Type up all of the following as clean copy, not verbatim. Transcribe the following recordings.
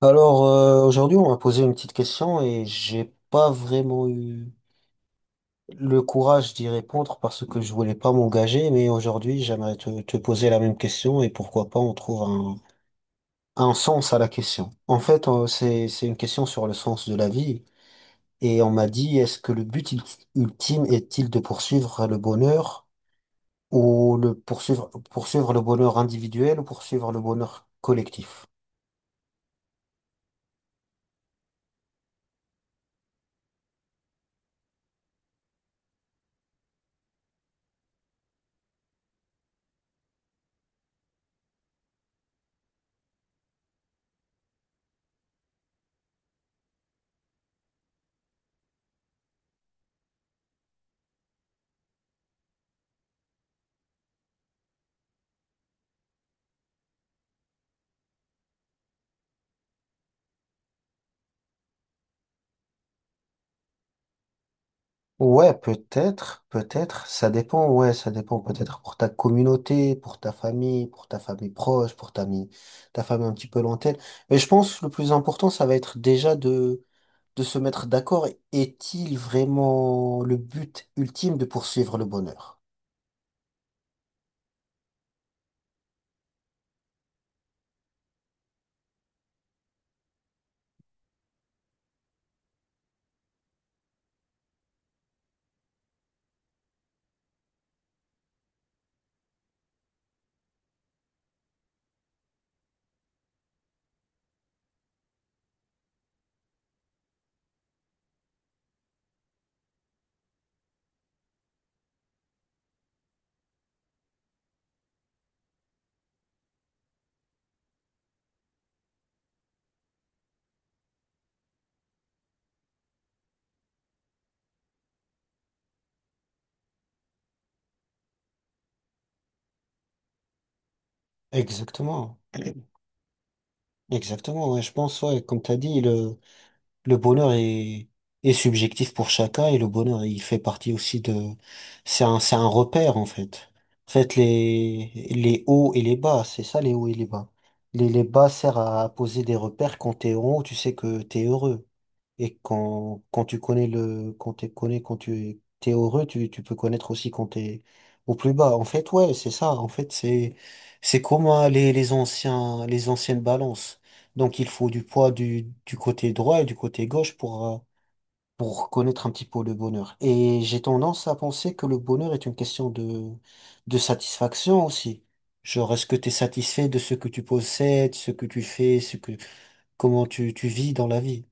Alors, aujourd'hui, on m'a posé une petite question et j'ai pas vraiment eu le courage d'y répondre parce que je voulais pas m'engager, mais aujourd'hui, j'aimerais te poser la même question et pourquoi pas on trouve un sens à la question. En fait, c'est une question sur le sens de la vie et on m'a dit, est-ce que le ultime est-il de poursuivre le bonheur ou poursuivre le bonheur individuel ou poursuivre le bonheur collectif? Ouais, peut-être, peut-être, ça dépend, ouais, ça dépend peut-être pour ta communauté, pour ta famille proche, ta famille un petit peu lointaine. Mais je pense que le plus important, ça va être de se mettre d'accord. Est-il vraiment le but ultime de poursuivre le bonheur? Exactement. Exactement, ouais, je pense, ouais, comme tu as dit, le est subjectif pour chacun et le bonheur, il fait partie aussi de, c'est c'est un repère, en fait. En fait, les hauts et les bas, c'est ça, les hauts et les bas. Les bas servent à poser des repères. Quand t'es en haut, tu sais que t'es heureux. Et quand tu connais le, quand tu connais, quand t'es heureux, tu peux connaître aussi quand tu es au plus bas. En fait, ouais, c'est ça. En fait, c'est comme les anciens, les anciennes balances. Donc, il faut du poids du côté droit et du côté gauche pour connaître un petit peu le bonheur. Et j'ai tendance à penser que le bonheur est une question de satisfaction aussi. Genre, est-ce que tu es satisfait de ce que tu possèdes, ce que tu fais, ce que, comment tu vis dans la vie?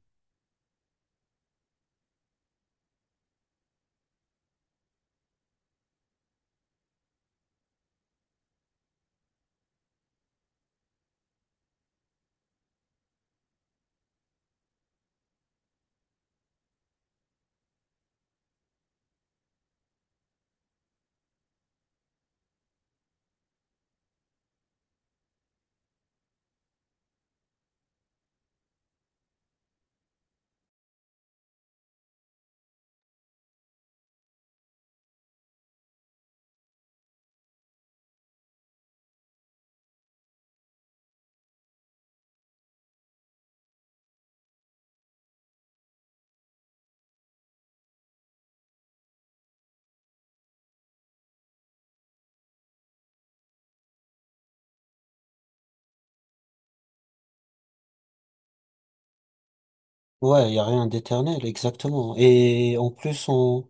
Ouais, il y a rien d'éternel, exactement. Et en plus, on,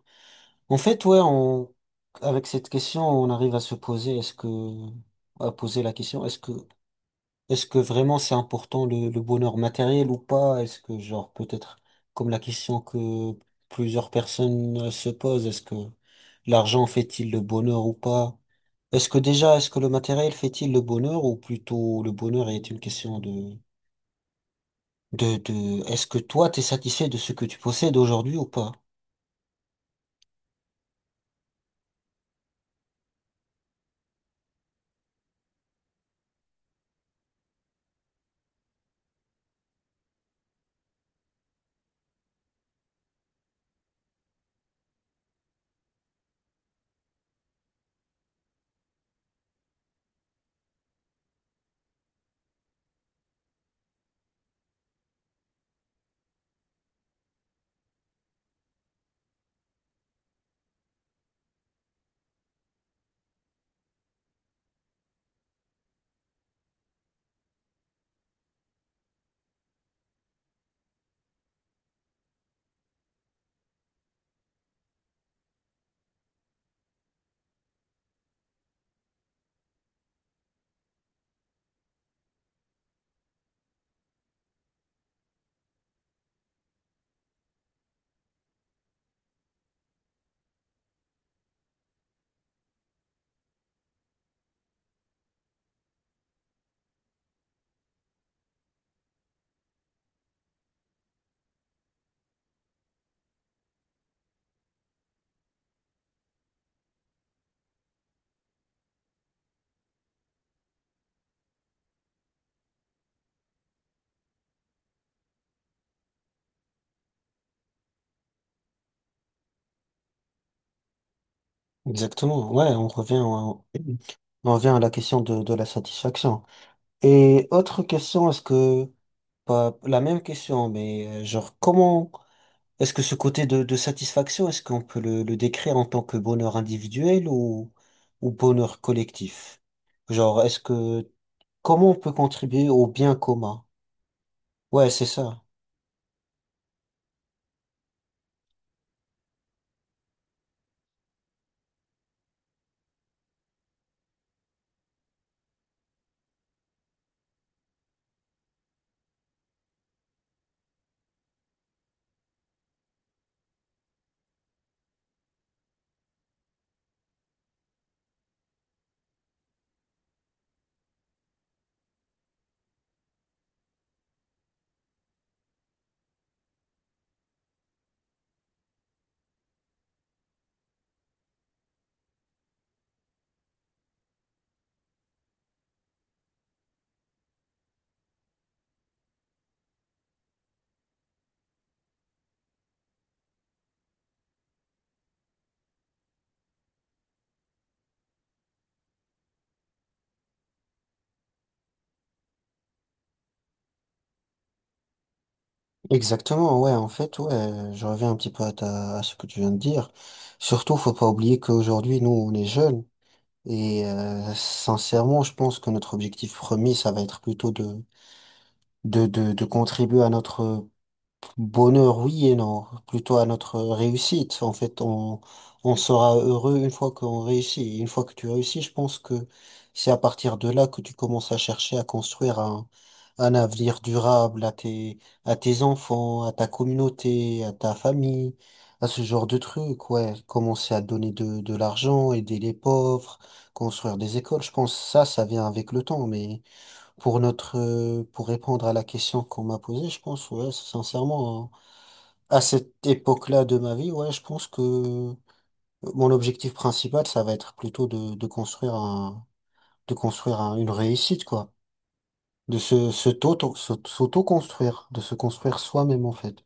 en fait, ouais, on, avec cette question, on arrive à se poser, est-ce que, à poser la question, est-ce que vraiment c'est important le bonheur matériel ou pas? Est-ce que, genre, peut-être, comme la question que plusieurs personnes se posent, est-ce que l'argent fait-il le bonheur ou pas? Est-ce que déjà, est-ce que le matériel fait-il le bonheur ou plutôt le bonheur est une question de, est-ce que toi, t'es satisfait de ce que tu possèdes aujourd'hui ou pas? Exactement, ouais, on revient à la question de la satisfaction. Et autre question, est-ce que, pas la même question, mais genre, comment, est-ce que ce côté de satisfaction, est-ce qu'on peut le décrire en tant que bonheur individuel ou bonheur collectif? Genre, est-ce que, comment on peut contribuer au bien commun? Ouais, c'est ça. Exactement, ouais, en fait, ouais, je reviens un petit peu à ta, à ce que tu viens de dire. Surtout, faut pas oublier qu'aujourd'hui, nous, on est jeunes. Et sincèrement, je pense que notre objectif premier, ça va être plutôt de contribuer à notre bonheur, oui et non, plutôt à notre réussite. En fait, on sera heureux une fois qu'on réussit. Et une fois que tu réussis, je pense que c'est à partir de là que tu commences à chercher à construire un avenir durable à tes enfants, à ta communauté, à ta famille, à ce genre de trucs, ouais. Commencer à donner de l'argent, aider les pauvres, construire des écoles. Je pense que ça vient avec le temps. Mais pour notre, pour répondre à la question qu'on m'a posée, je pense, ouais, sincèrement, hein, à cette époque-là de ma vie, ouais, je pense que mon objectif principal, ça va être plutôt de construire un, de une réussite, quoi, de s'auto-construire, de se construire soi-même en fait.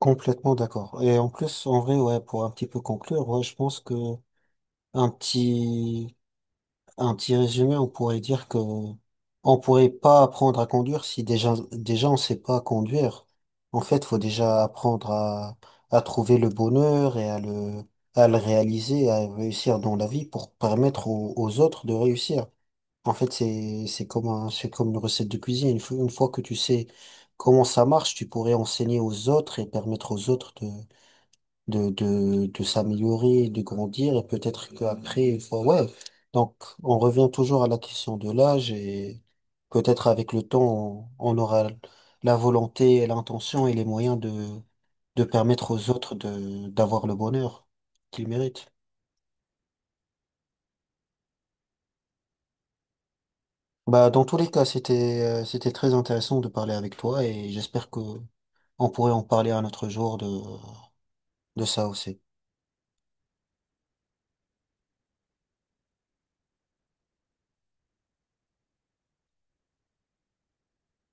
Complètement d'accord. Et en plus, en vrai, ouais, pour un petit peu conclure, ouais, je pense que un petit, un petit résumé, on pourrait dire que on pourrait pas apprendre à conduire si déjà, déjà on sait pas conduire. En fait, faut déjà apprendre à trouver le bonheur et à à le réaliser, à réussir dans la vie pour permettre aux aux autres de réussir. En fait, c'est, c'est comme une recette de cuisine. Une fois que tu sais comment ça marche, tu pourrais enseigner aux autres et permettre aux autres de s'améliorer, de grandir. Et peut-être qu'après, une fois, ouais. Donc, on revient toujours à la question de l'âge et peut-être avec le temps, on aura la volonté, l'intention et les moyens de permettre aux autres de, d'avoir le bonheur qu'ils méritent. Bah, dans tous les cas, c'était, c'était très intéressant de parler avec toi et j'espère que on pourrait en parler un autre jour de ça aussi.